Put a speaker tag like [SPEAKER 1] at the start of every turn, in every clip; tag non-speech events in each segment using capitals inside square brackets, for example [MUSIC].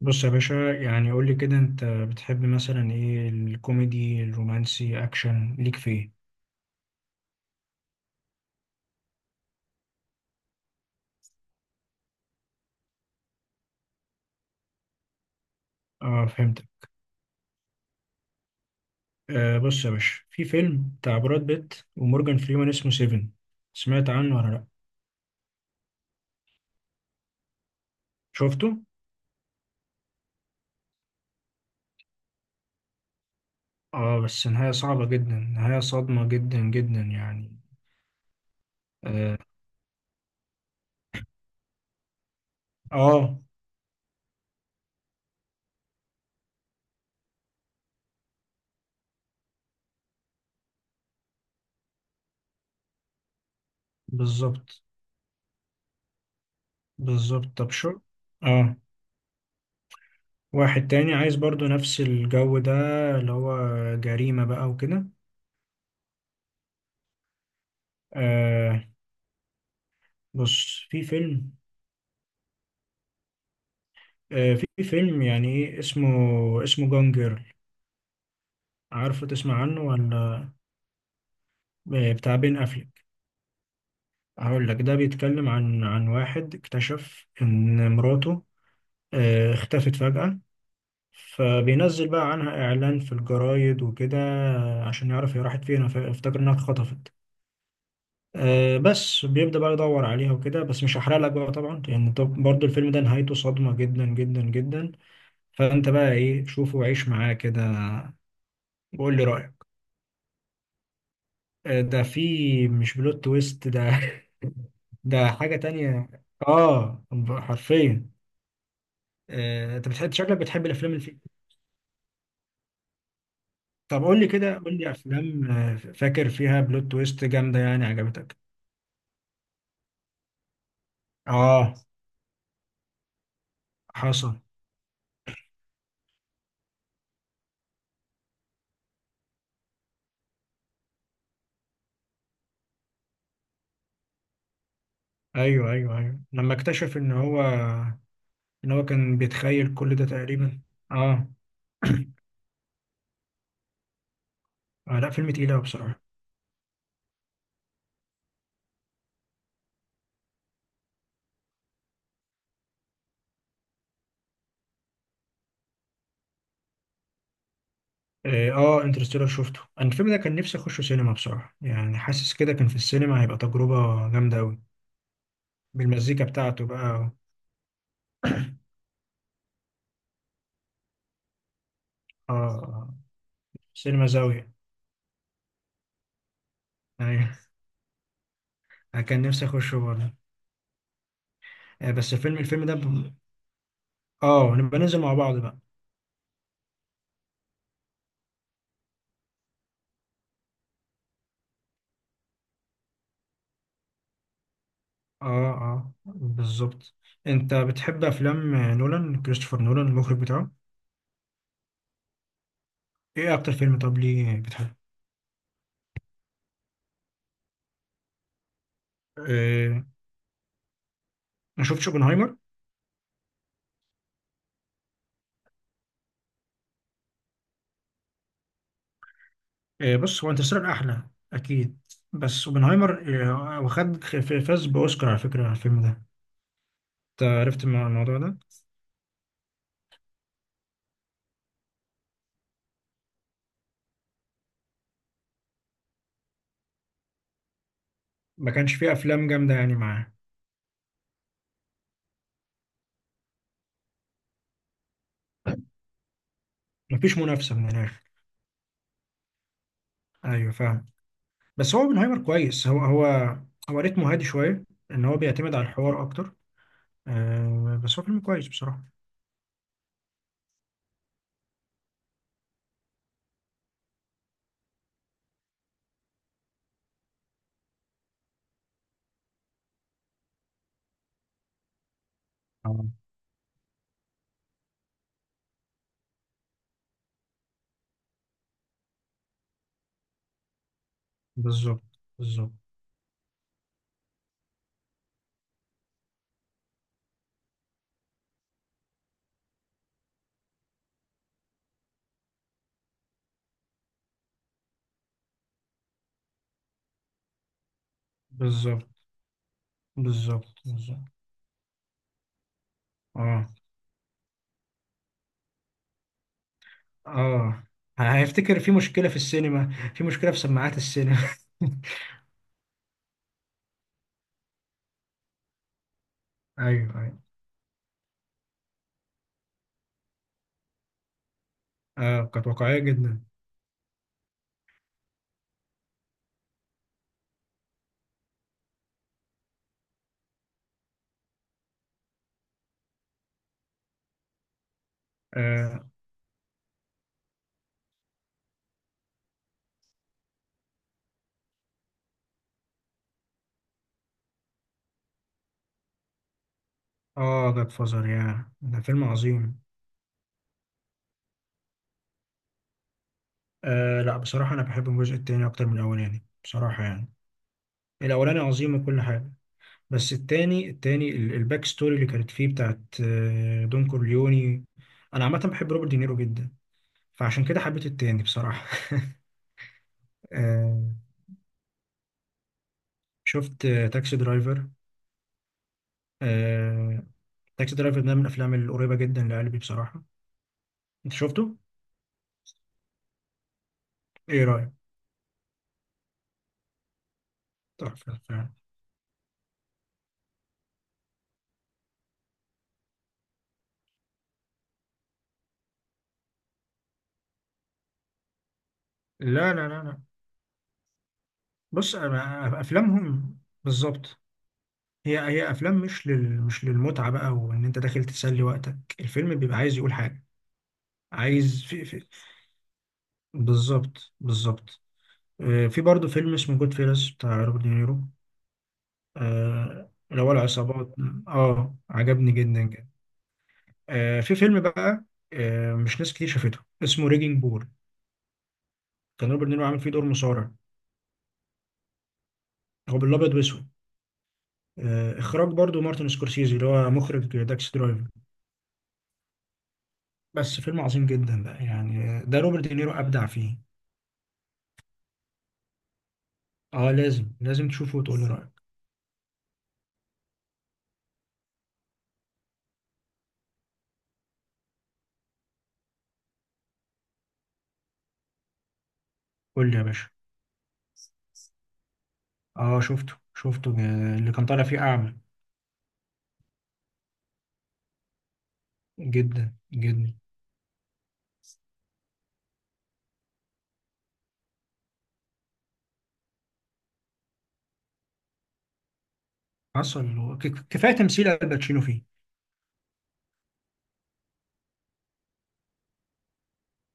[SPEAKER 1] بص يا باشا، يعني قول لي كده انت بتحب مثلا ايه؟ الكوميدي، الرومانسي، اكشن، ليك في ايه؟ اه، فهمتك. آه بص يا باشا، في فيلم بتاع براد بيت ومورجان فريمان اسمه سيفن. سمعت عنه ولا لا؟ شفته. اه بس نهاية صعبة جدا، نهاية صادمة جدا جدا يعني. اه. آه بالظبط. بالظبط طب شو. اه. واحد تاني عايز برضو نفس الجو ده، اللي هو جريمة بقى وكده. آه بص في فيلم، في فيلم يعني ايه اسمه؟ اسمه جون جيرل. عارفه؟ تسمع عنه ولا؟ بتاع بين افليك. هقول لك ده بيتكلم عن واحد اكتشف ان مراته اختفت فجأة. فبينزل بقى عنها اعلان في الجرايد وكده، عشان يعرف هي راحت فين. افتكر انها اتخطفت. بس بيبدأ بقى يدور عليها وكده، بس مش هحرق لك بقى طبعا، لان طب برضه الفيلم ده نهايته صدمة جدا جدا جدا. فانت بقى ايه، شوفه وعيش معاه كده وقول لي رأيك. ده في مش بلوت تويست ده. [LAUGHS] ده حاجة تانية. اه، حرفيا. انت بتحب، شكلك بتحب الافلام اللي فيها؟ طب قول لي كده، قول لي افلام فاكر فيها بلوت تويست جامدة يعني عجبتك؟ اه. حصل. ايوه ايوه ايوه، لما اكتشف ان هو ان هو كان بيتخيل كل ده تقريبا. اه. آه لا، فيلم تقيل قوي بصراحة. اه. آه انترستيلر شفته انا. الفيلم ده كان نفسي اخشه سينما بصراحة، يعني حاسس كده كان في السينما هيبقى تجربة جامدة قوي بالمزيكا بتاعته بقى. اه آه. سينما زاوية. ايوه. أنا كان نفسي اخشه برضه. بس فيلم الفيلم ده ب... اه نبقى ننزل مع بعض بقى. اه اه بالظبط. انت بتحب افلام نولان، كريستوفر نولان المخرج بتاعه؟ ايه اكتر فيلم؟ طب ليه بتحبه؟ آه. ما شفتش اوبنهايمر؟ آه بص هو انترستيلر احلى اكيد، بس اوبنهايمر آه، واخد فاز باوسكار على فكرة على الفيلم ده. انت عرفت مع الموضوع ده؟ ما كانش فيه افلام جامدة يعني معاه. مفيش منافسة من الاخر. ايوه فاهم. بس هو اوبنهايمر كويس، هو هو ريتمه هادي شويه، ان هو بيعتمد على الحوار اكتر. آه بس هو فيلم كويس بصراحه. اه بالظبط بالظبط. بالظبط بالظبط بالظبط. اه اه، هيفتكر في مشكله في السينما، في مشكله في سماعات السينما. [LAUGHS] ايوه ايوه. آه كانت واقعيه جدا. اه اه، جاد فازر، يا ده فيلم عظيم. آه لا، بصراحه انا بحب الجزء التاني اكتر من الاولاني بصراحه يعني. الاولاني عظيم وكل حاجه، بس التاني، التاني الباك ستوري اللي كانت فيه بتاعت دون كورليوني. انا عامه بحب روبرت دينيرو جدا، فعشان كده حبيت التاني بصراحه. آه، شفت تاكسي درايفر. آه، تاكسي درايفر ده من الافلام القريبه جدا لقلبي بصراحه. انت شفته؟ ايه رايك؟ تحفه فعلا. لا لا لا لا، بص أنا- افلامهم بالظبط. هي افلام مش لل، مش للمتعه بقى وان انت داخل تسلي وقتك. الفيلم بيبقى عايز يقول حاجه، عايز في بالظبط بالظبط. في برضه فيلم اسمه جود فيلس بتاع روبرت دينيرو، اللي هو العصابات. اه، عجبني جدا جدا. في فيلم بقى، مش ناس كتير شافته، اسمه ريجينج بول. كان روبرت دينيرو عامل فيه دور مصارع. هو بالابيض واسود. اخراج برضه مارتن سكورسيزي اللي هو مخرج داكس درايفر. بس فيلم عظيم جدا بقى يعني. ده روبرت دينيرو ابدع فيه. اه لازم لازم تشوفه وتقول لي رايك. قول لي يا باشا. اه شفته شفته، اللي كان طالع فيه اعمى. جدا جدا. حصل. هو كفايه تمثيل الباتشينو فيه.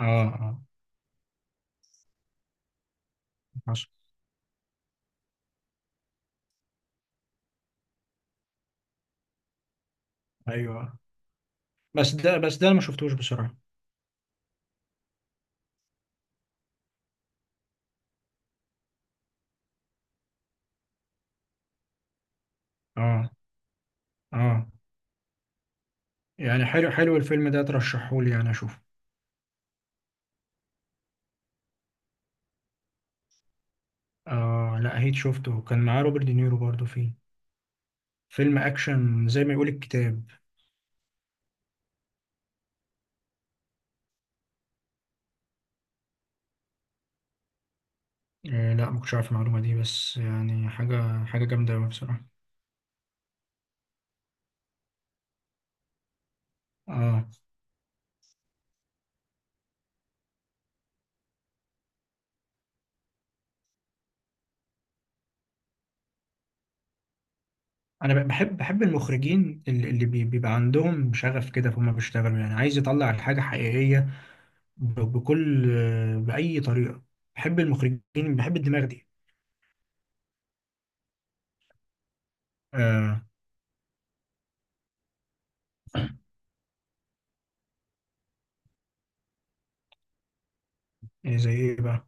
[SPEAKER 1] اه اه. حصل. ايوه بس ده، بس ده أنا ما شفتوش بصراحه. اه اه، يعني حلو حلو الفيلم ده، ترشحه لي انا اشوفه. اه لا، هيت شفته، كان معاه روبرت دينيرو برضو فيه. فيلم اكشن زي ما يقول الكتاب. آه لا ما كنتش عارف المعلومه دي، بس يعني حاجه حاجه جامده قوي بصراحه. اه، انا بحب، بحب المخرجين اللي بيبقى عندهم شغف كده، فهم بيشتغلوا يعني عايز يطلع الحاجه حقيقيه بكل، بأي طريقة. بحب المخرجين، بحب الدماغ دي. آه إيه زي إيه بقى؟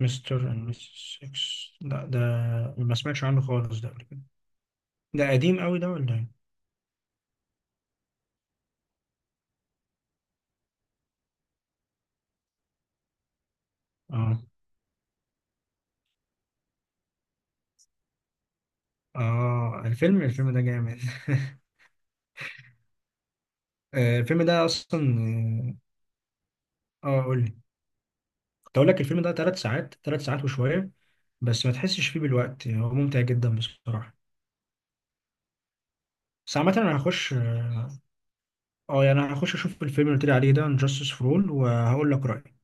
[SPEAKER 1] مستر أند ميسيس إكس، لا ده ما سمعتش عنه خالص ده قبل كده. ده قديم قوي ده ولا إيه؟ آه. آه الفيلم الفيلم ده جامد. [LAUGHS] آه الفيلم ده أصلا آه قول لي. كنت أقول لك الفيلم ده 3 ساعات، 3 ساعات وشوية، بس ما تحسش فيه بالوقت، هو ممتع جدا بصراحة. بس عامة أنا هخش اه، يعني هخش أشوف الفيلم اللي قلت لي عليه ده Justice for All وهقول لك رأيي.